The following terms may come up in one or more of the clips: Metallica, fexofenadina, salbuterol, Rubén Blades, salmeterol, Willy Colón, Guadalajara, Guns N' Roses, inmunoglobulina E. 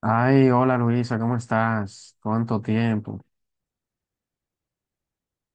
Ay, hola Luisa, ¿cómo estás? ¿Cuánto tiempo?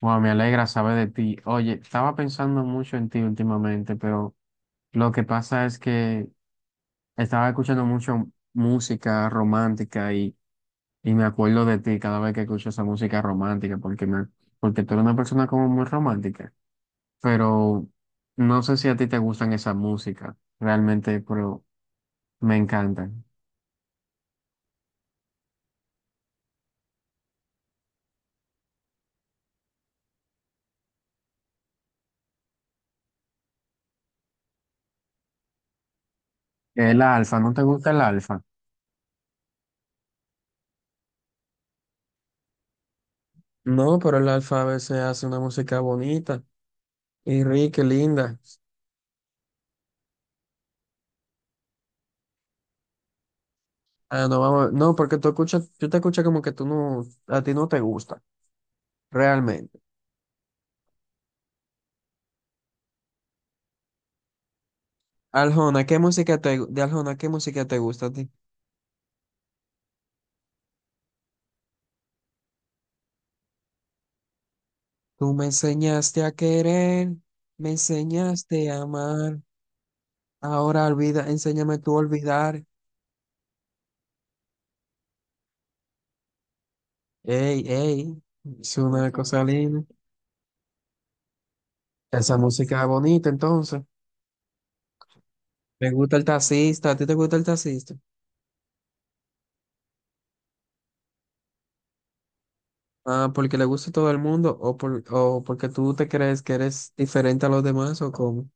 Wow, me alegra saber de ti. Oye, estaba pensando mucho en ti últimamente, pero lo que pasa es que estaba escuchando mucho música romántica y me acuerdo de ti cada vez que escucho esa música romántica, porque tú eres una persona como muy romántica, pero no sé si a ti te gustan esa música, realmente, pero me encantan. El alfa, ¿no te gusta el alfa? No, pero el alfa a veces hace una música bonita y rica y linda. Ah, no, vamos a ver. No, porque tú escuchas, yo te escucho como que tú no, a ti no te gusta, realmente. Aljona, ¿qué música te gusta a ti? Tú me enseñaste a querer, me enseñaste a amar, ahora olvida, enséñame tú a olvidar. Ey, ey, es una cosa linda. Esa música es bonita, entonces. Me gusta el taxista, ¿a ti te gusta el taxista? Ah, porque le gusta a todo el mundo o, por, o porque tú te crees que eres diferente a los demás o cómo.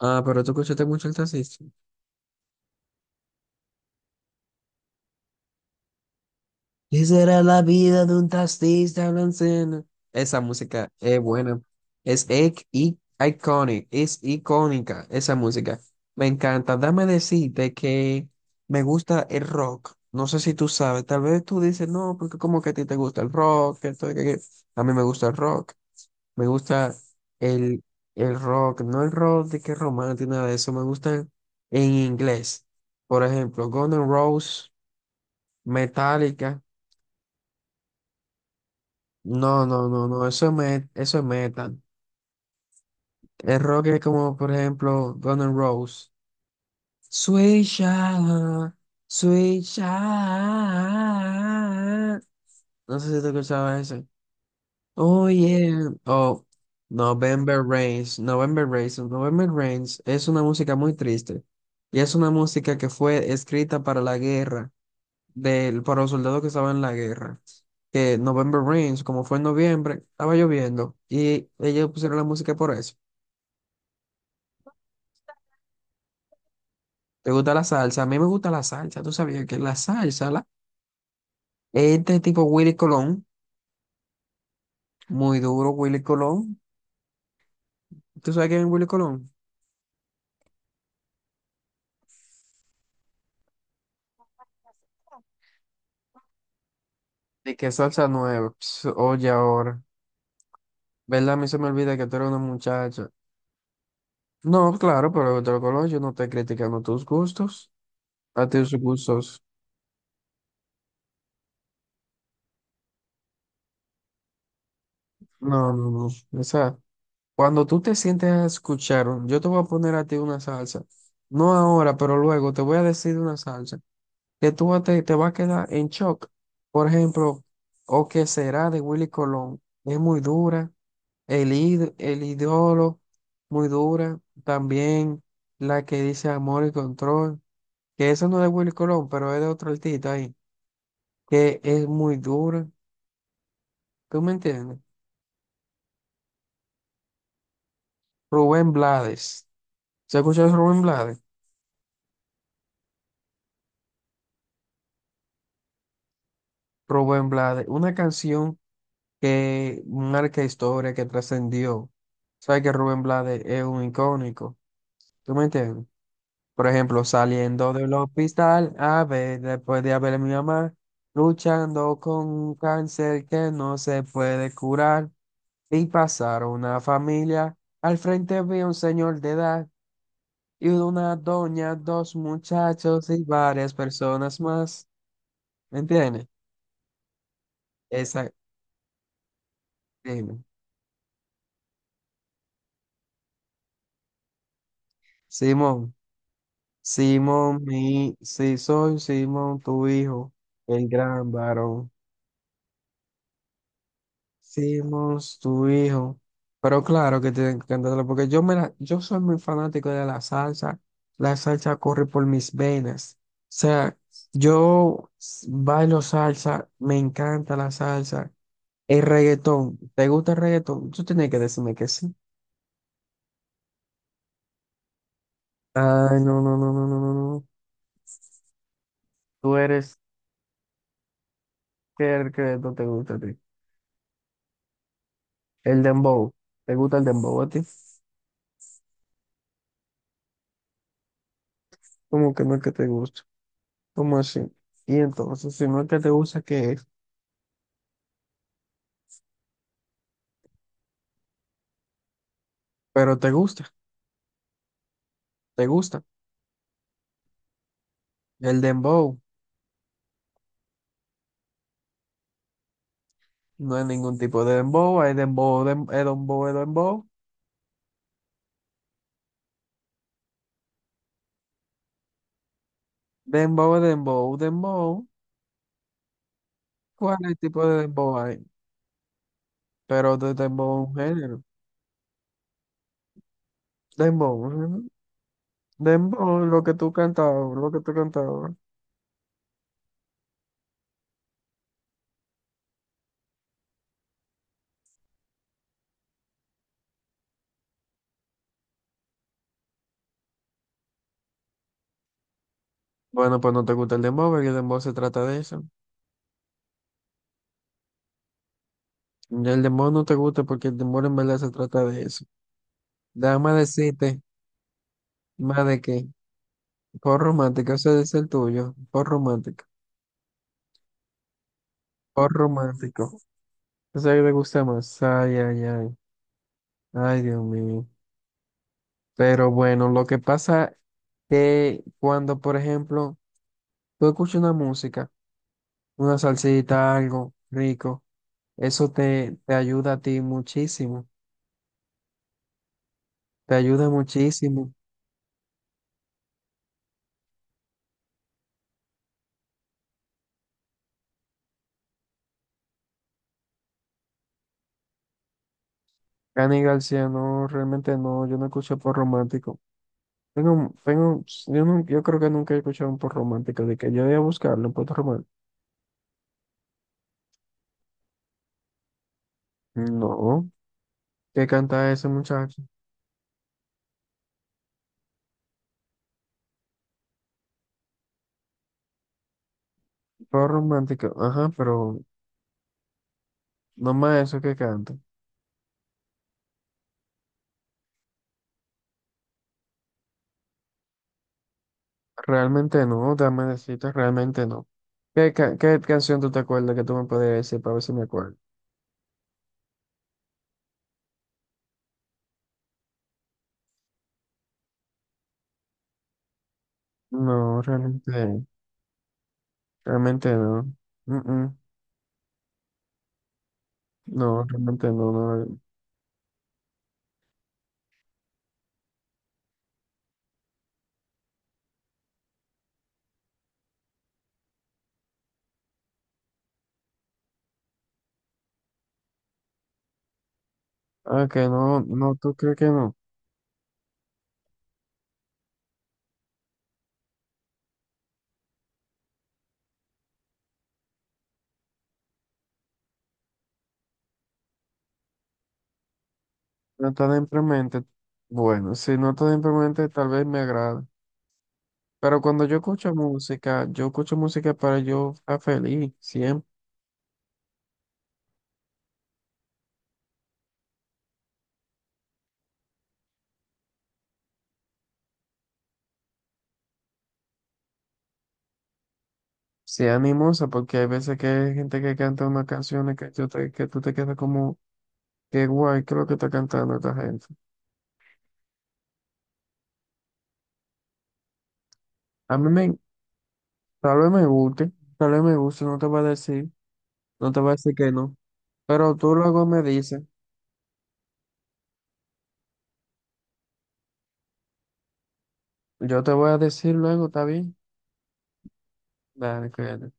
Ah, pero tú escuchaste mucho el taxista. ¿Qué será la vida de un taxista blanco? Esa música es buena. Es ic- i- iconic, es icónica esa música. Me encanta. Dame decirte que me gusta el rock. No sé si tú sabes, tal vez tú dices, "no, porque como que a ti te gusta el rock, que esto, que aquello". A mí me gusta el rock. Me gusta el, el rock, no el rock de que es romántico, nada de eso. Me gustan en inglés. Por ejemplo, Guns N' Roses, Metallica. No, no, no, no, eso es metal. El rock es como, por ejemplo, Guns N' Roses. Sweet Child, Sweet Child. No sé si tú escuchabas eso. Oh yeah, oh November Rains, November Rains, November Rains es una música muy triste y es una música que fue escrita para la guerra, para los soldados que estaban en la guerra. Que November Rains, como fue en noviembre, estaba lloviendo y ellos pusieron la música por eso. ¿Te gusta la salsa? A mí me gusta la salsa, tú sabías que la salsa, la, este tipo Willy Colón, muy duro Willy Colón, ¿tú sabes quién es Willy Colón? Y que salsa nueva, pss, oye ahora. ¿Verdad? A mí se me olvida que tú eres una muchacha. No, claro, pero de lo color yo no estoy criticando tus gustos, a tus gustos. No, no, no. O sea, cuando tú te sientes a escuchar, yo te voy a poner a ti una salsa. No ahora, pero luego te voy a decir una salsa que tú vas a te, te vas a quedar en shock. Por ejemplo, o que será de Willy Colón. Es muy dura. El ídolo, muy dura. También la que dice amor y control. Que eso no es de Willy Colón, pero es de otro artista ahí, que es muy duro. ¿Tú me entiendes? Rubén Blades. ¿Se ha escucha Rubén Blades? Rubén Blades. Una canción que marca historia, que trascendió. ¿Sabes que Rubén Blades es un icónico? ¿Tú me entiendes? Por ejemplo, saliendo del hospital, a ver, después de haber mi mamá, luchando con un cáncer que no se puede curar, y pasar una familia. Al frente vi a un señor de edad y una doña, dos muchachos y varias personas más. ¿Me entiendes? Esa, dime. Simón, Simón, mi, sí soy Simón, tu hijo, el gran varón. Simón, tu hijo. Pero claro que tienen que cantarlo porque yo, yo soy muy fanático de la salsa. La salsa corre por mis venas. O sea, yo bailo salsa, me encanta la salsa. El reggaetón, ¿te gusta el reggaetón? Tú tienes que decirme que sí. Ay, no, no, no, no, no, no, no. Tú eres qué que el reggaetón te gusta a ti. El dembow, ¿te gusta el dembow a ti? ¿Cómo que no es que te gusta? ¿Cómo así? Y entonces, si no es que te gusta, ¿qué es? Pero te gusta, te gusta. El dembow, no hay ningún tipo de dembow, hay dembow, dembow, dembow, dembow, dembow, dembow. ¿Cuál es el tipo de dembow hay? Pero de dembow un género. Dembow, ujú. Dembow, lo que tú cantabas, lo que tú cantabas. Bueno, pues no te gusta el dembow, porque el dembow se trata de eso. Y el dembow no te gusta porque el dembow en verdad se trata de eso. Déjame decirte, más de qué. Por romántico, ese es el tuyo. Por romántico, por romántico. Ese que te gusta más. Ay, ay, ay. Ay, Dios mío. Pero bueno, lo que pasa que cuando, por ejemplo, tú escuchas una música, una salsita, algo rico, eso te, te ayuda a ti muchísimo. Te ayuda muchísimo. Cani García, no, realmente no, yo no escucho pop romántico. Yo, no, yo creo que nunca he escuchado un pop romántico, de que yo voy a buscarlo, un pop romántico. No, ¿qué canta ese muchacho? Pop romántico, ajá, pero no más eso que canta. Realmente no, dame decirte, realmente no. ¿Qué, qué canción tú te acuerdas que tú me podías decir para ver si me acuerdo? No, realmente, realmente no. Mm, mm. No, realmente no, no. Ah, que no, no, tú crees que no. No tan deprimente. Bueno, si no tan deprimente, tal vez me agrada. Pero cuando yo escucho música para yo estar feliz, siempre. Sea animosa, porque hay veces que hay gente que canta unas canciones que, que tú te quedas como, qué guay, qué es lo que está cantando esta gente. A mí me, tal vez me guste, tal vez me guste, no te voy a decir, no te voy a decir que no. Pero tú luego me dices, yo te voy a decir luego, ¿está bien? Dale, cuídate.